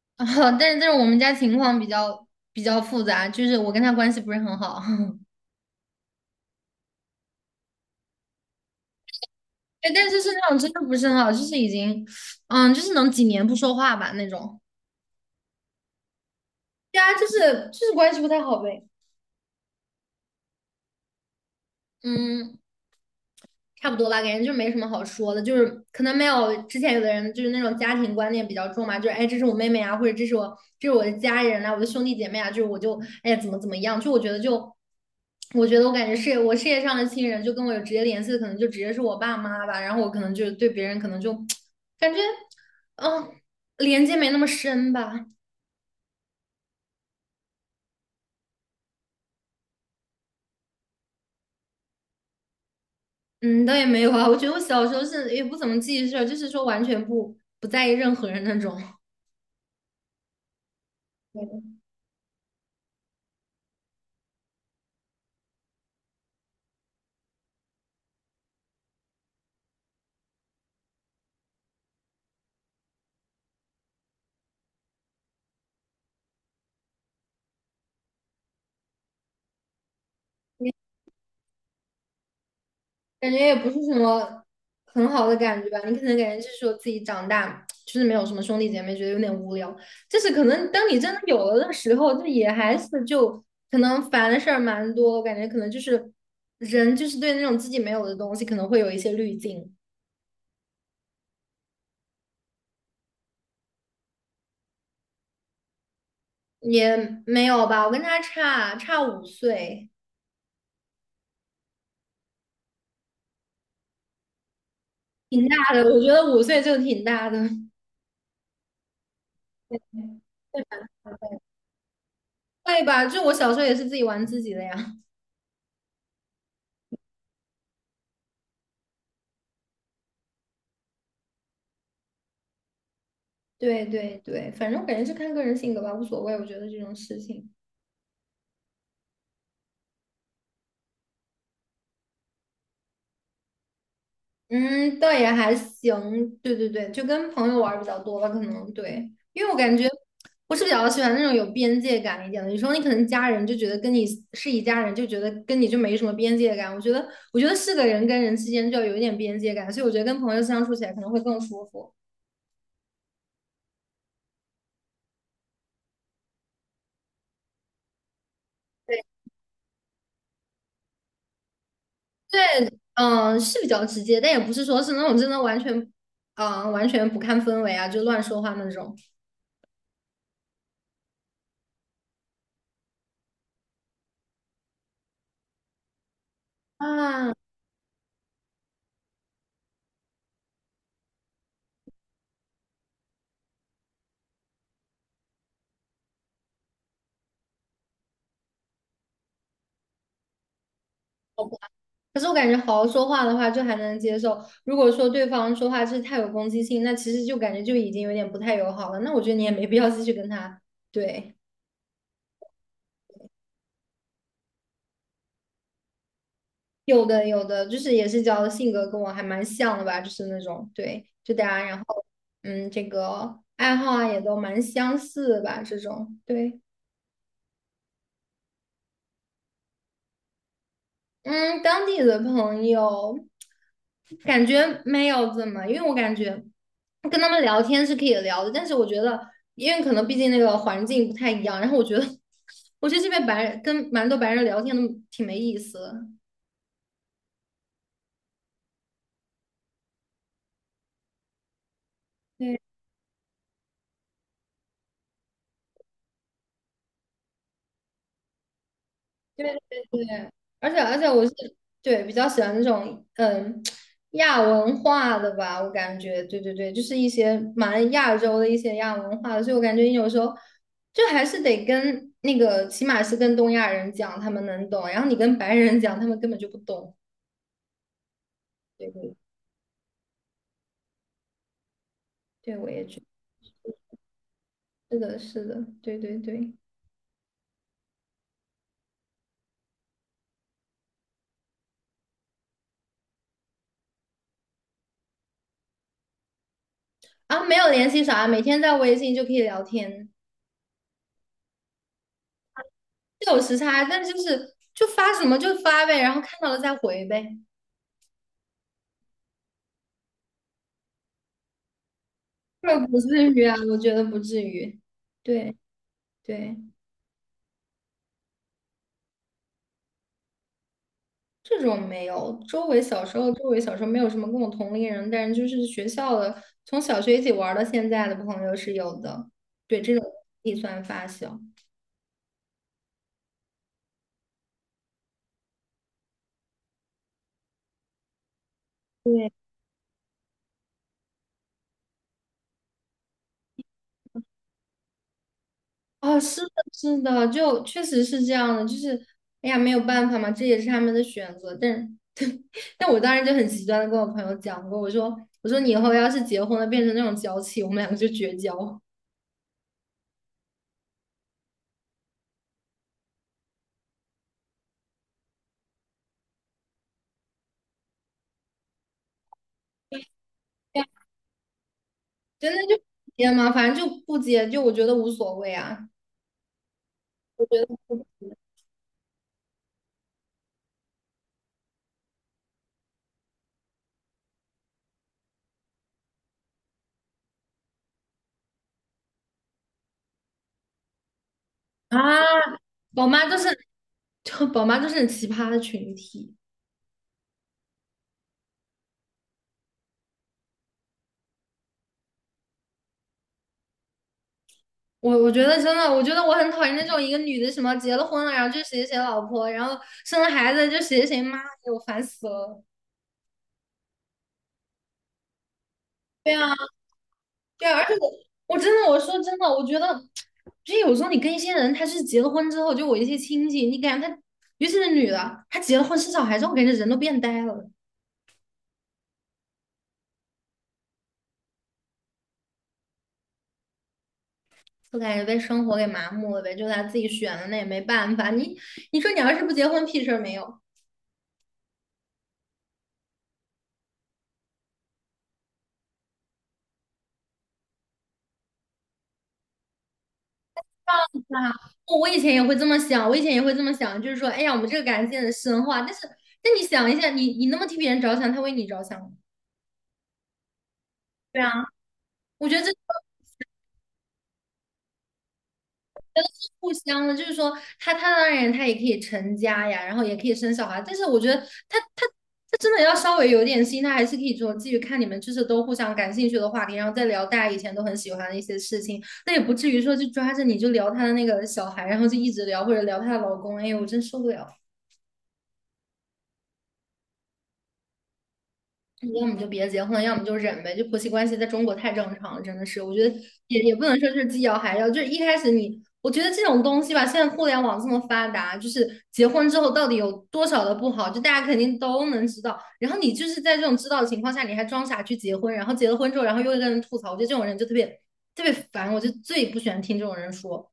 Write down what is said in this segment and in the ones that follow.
但是但是我们家情况比较复杂，就是我跟他关系不是很好，对，但是是那种真的不是很好，就是已经，就是能几年不说话吧那种，对啊，就是关系不太好呗，嗯。差不多吧，感觉就没什么好说的，就是可能没有之前有的人就是那种家庭观念比较重嘛，就是哎，这是我妹妹啊，或者这是我的家人啊，我的兄弟姐妹啊，就是我就哎呀怎么怎么样，就我觉得就我觉得我感觉是我事业上的亲人，就跟我有直接联系的，可能就直接是我爸妈吧，然后我可能就对别人可能就感觉嗯连接没那么深吧。嗯，倒也没有啊，我觉得我小时候是也不怎么记事儿就是说完全不在意任何人那种。感觉也不是什么很好的感觉吧。你可能感觉就是说自己长大，就是没有什么兄弟姐妹，觉得有点无聊。就是可能当你真的有了的时候，就也还是就可能烦的事儿蛮多。我感觉可能就是人就是对那种自己没有的东西，可能会有一些滤镜。也没有吧，我跟他差五岁，挺大的。我觉得五岁就挺大的。会吧，就我小时候也是自己玩自己的呀。对对对，反正我感觉是看个人性格吧，无所谓。我觉得这种事情，嗯，倒也还行。对对对，就跟朋友玩儿比较多吧，可能对，因为我感觉我是比较喜欢那种有边界感一点的。有时候你可能家人就觉得跟你是一家人，就觉得跟你就没什么边界感。我觉得，我觉得是个人跟人之间就要有一点边界感，所以我觉得跟朋友相处起来可能会更舒服。对对，嗯，是比较直接，但也不是说是那种真的完全，完全不看氛围啊，就乱说话那种。啊，可是我感觉好好说话的话，就还能接受。如果说对方说话就是太有攻击性，那其实就感觉就已经有点不太友好了。那我觉得你也没必要继续跟他。对，有的有的，就是也是交的性格跟我还蛮像的吧，就是那种对，就大家然后嗯，这个爱好啊也都蛮相似的吧，这种对。嗯，当地的朋友感觉没有怎么，因为我感觉跟他们聊天是可以聊的，但是我觉得，因为可能毕竟那个环境不太一样，然后我觉得，我觉得这边白人跟蛮多白人聊天都挺没意思的。对对对，而且我是对比较喜欢那种亚文化的吧，我感觉对对对，就是一些蛮亚洲的一些亚文化的，所以我感觉你有时候就还是得跟那个起码是跟东亚人讲，他们能懂，然后你跟白人讲，他们根本就不懂。对对对，我也觉得是的，是的，对对对。啊，没有联系啥，每天在微信就可以聊天，是有时差，但就是就发什么就发呗，然后看到了再回呗。那不至于啊，我觉得不至于。对对，这种没有。周围小时候，周围小时候没有什么跟我同龄人，但是就是学校的，从小学一起玩儿到现在的朋友是有的。对，这种也算发小。对，哦，是的，是的，就确实是这样的，就是，哎呀，没有办法嘛，这也是他们的选择。但是，但我当时就很极端的跟我朋友讲过，我说，我说你以后要是结婚了，变成那种娇气，我们两个就绝交。真的就不接吗？反正就不接，就我觉得无所谓啊。我觉得不啊，宝妈就是 就宝妈就是很奇葩的群体。我觉得真的，我觉得我很讨厌那种一个女的什么结了婚了，然后就谁谁老婆，然后生了孩子就谁谁妈，给我烦死了。对啊，对啊，而且我真的我说真的，我觉得就有时候你跟一些人，他是结了婚之后，就我一些亲戚，你感觉他，尤其是女的，她结了婚生小孩之后，我感觉人都变呆了。我感觉被生活给麻木了呗，就他自己选的，那也没办法。你说你要是不结婚，屁事儿没有。啊，我以前也会这么想，我以前也会这么想，就是说，哎呀，我们这个感情很深化。但是，但你想一下，你那么替别人着想，他为你着想吗？对啊，我觉得这。互相的，就是说他当然他也可以成家呀，然后也可以生小孩，但是我觉得他他他真的要稍微有点心，他还是可以说继续看你们就是都互相感兴趣的话题，然后再聊大家以前都很喜欢的一些事情，那也不至于说就抓着你就聊他的那个小孩，然后就一直聊或者聊他的老公，哎呦，我真受不了。要么就别结婚，要么就忍呗。就婆媳关系在中国太正常了，真的是，我觉得也也不能说就是既要还要，就是一开始你，我觉得这种东西吧，现在互联网这么发达，就是结婚之后到底有多少的不好，就大家肯定都能知道。然后你就是在这种知道的情况下，你还装傻去结婚，然后结了婚之后，然后又跟人吐槽，我觉得这种人就特别烦，我就最不喜欢听这种人说。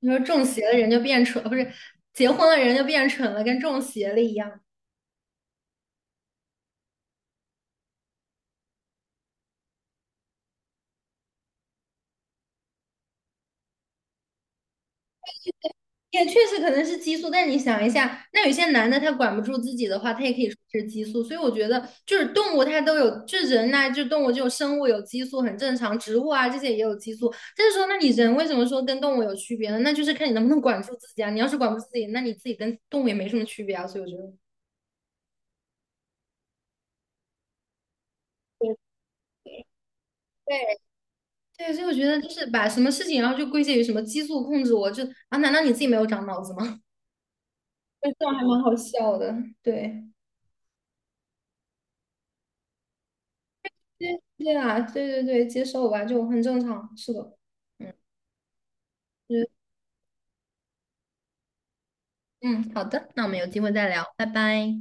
你说中邪了人就变蠢，不是结婚了人就变蠢了，跟中邪了一样。也确实可能是激素，但你想一下，那有些男的他管不住自己的话，他也可以说是激素。所以我觉得，就是动物它都有，就人呐、就动物这种生物有激素很正常，植物啊这些也有激素。但是说，那你人为什么说跟动物有区别呢？那就是看你能不能管住自己啊。你要是管不住自己，那你自己跟动物也没什么区别啊。所以我觉得。对对对，所以我觉得就是把什么事情，然后就归结于什么激素控制我，就啊，难道你自己没有长脑子吗？这种还蛮好笑的，对。对对啊，对对对，接受吧，就很正常，是的，嗯，就是嗯，好的，那我们有机会再聊，拜拜。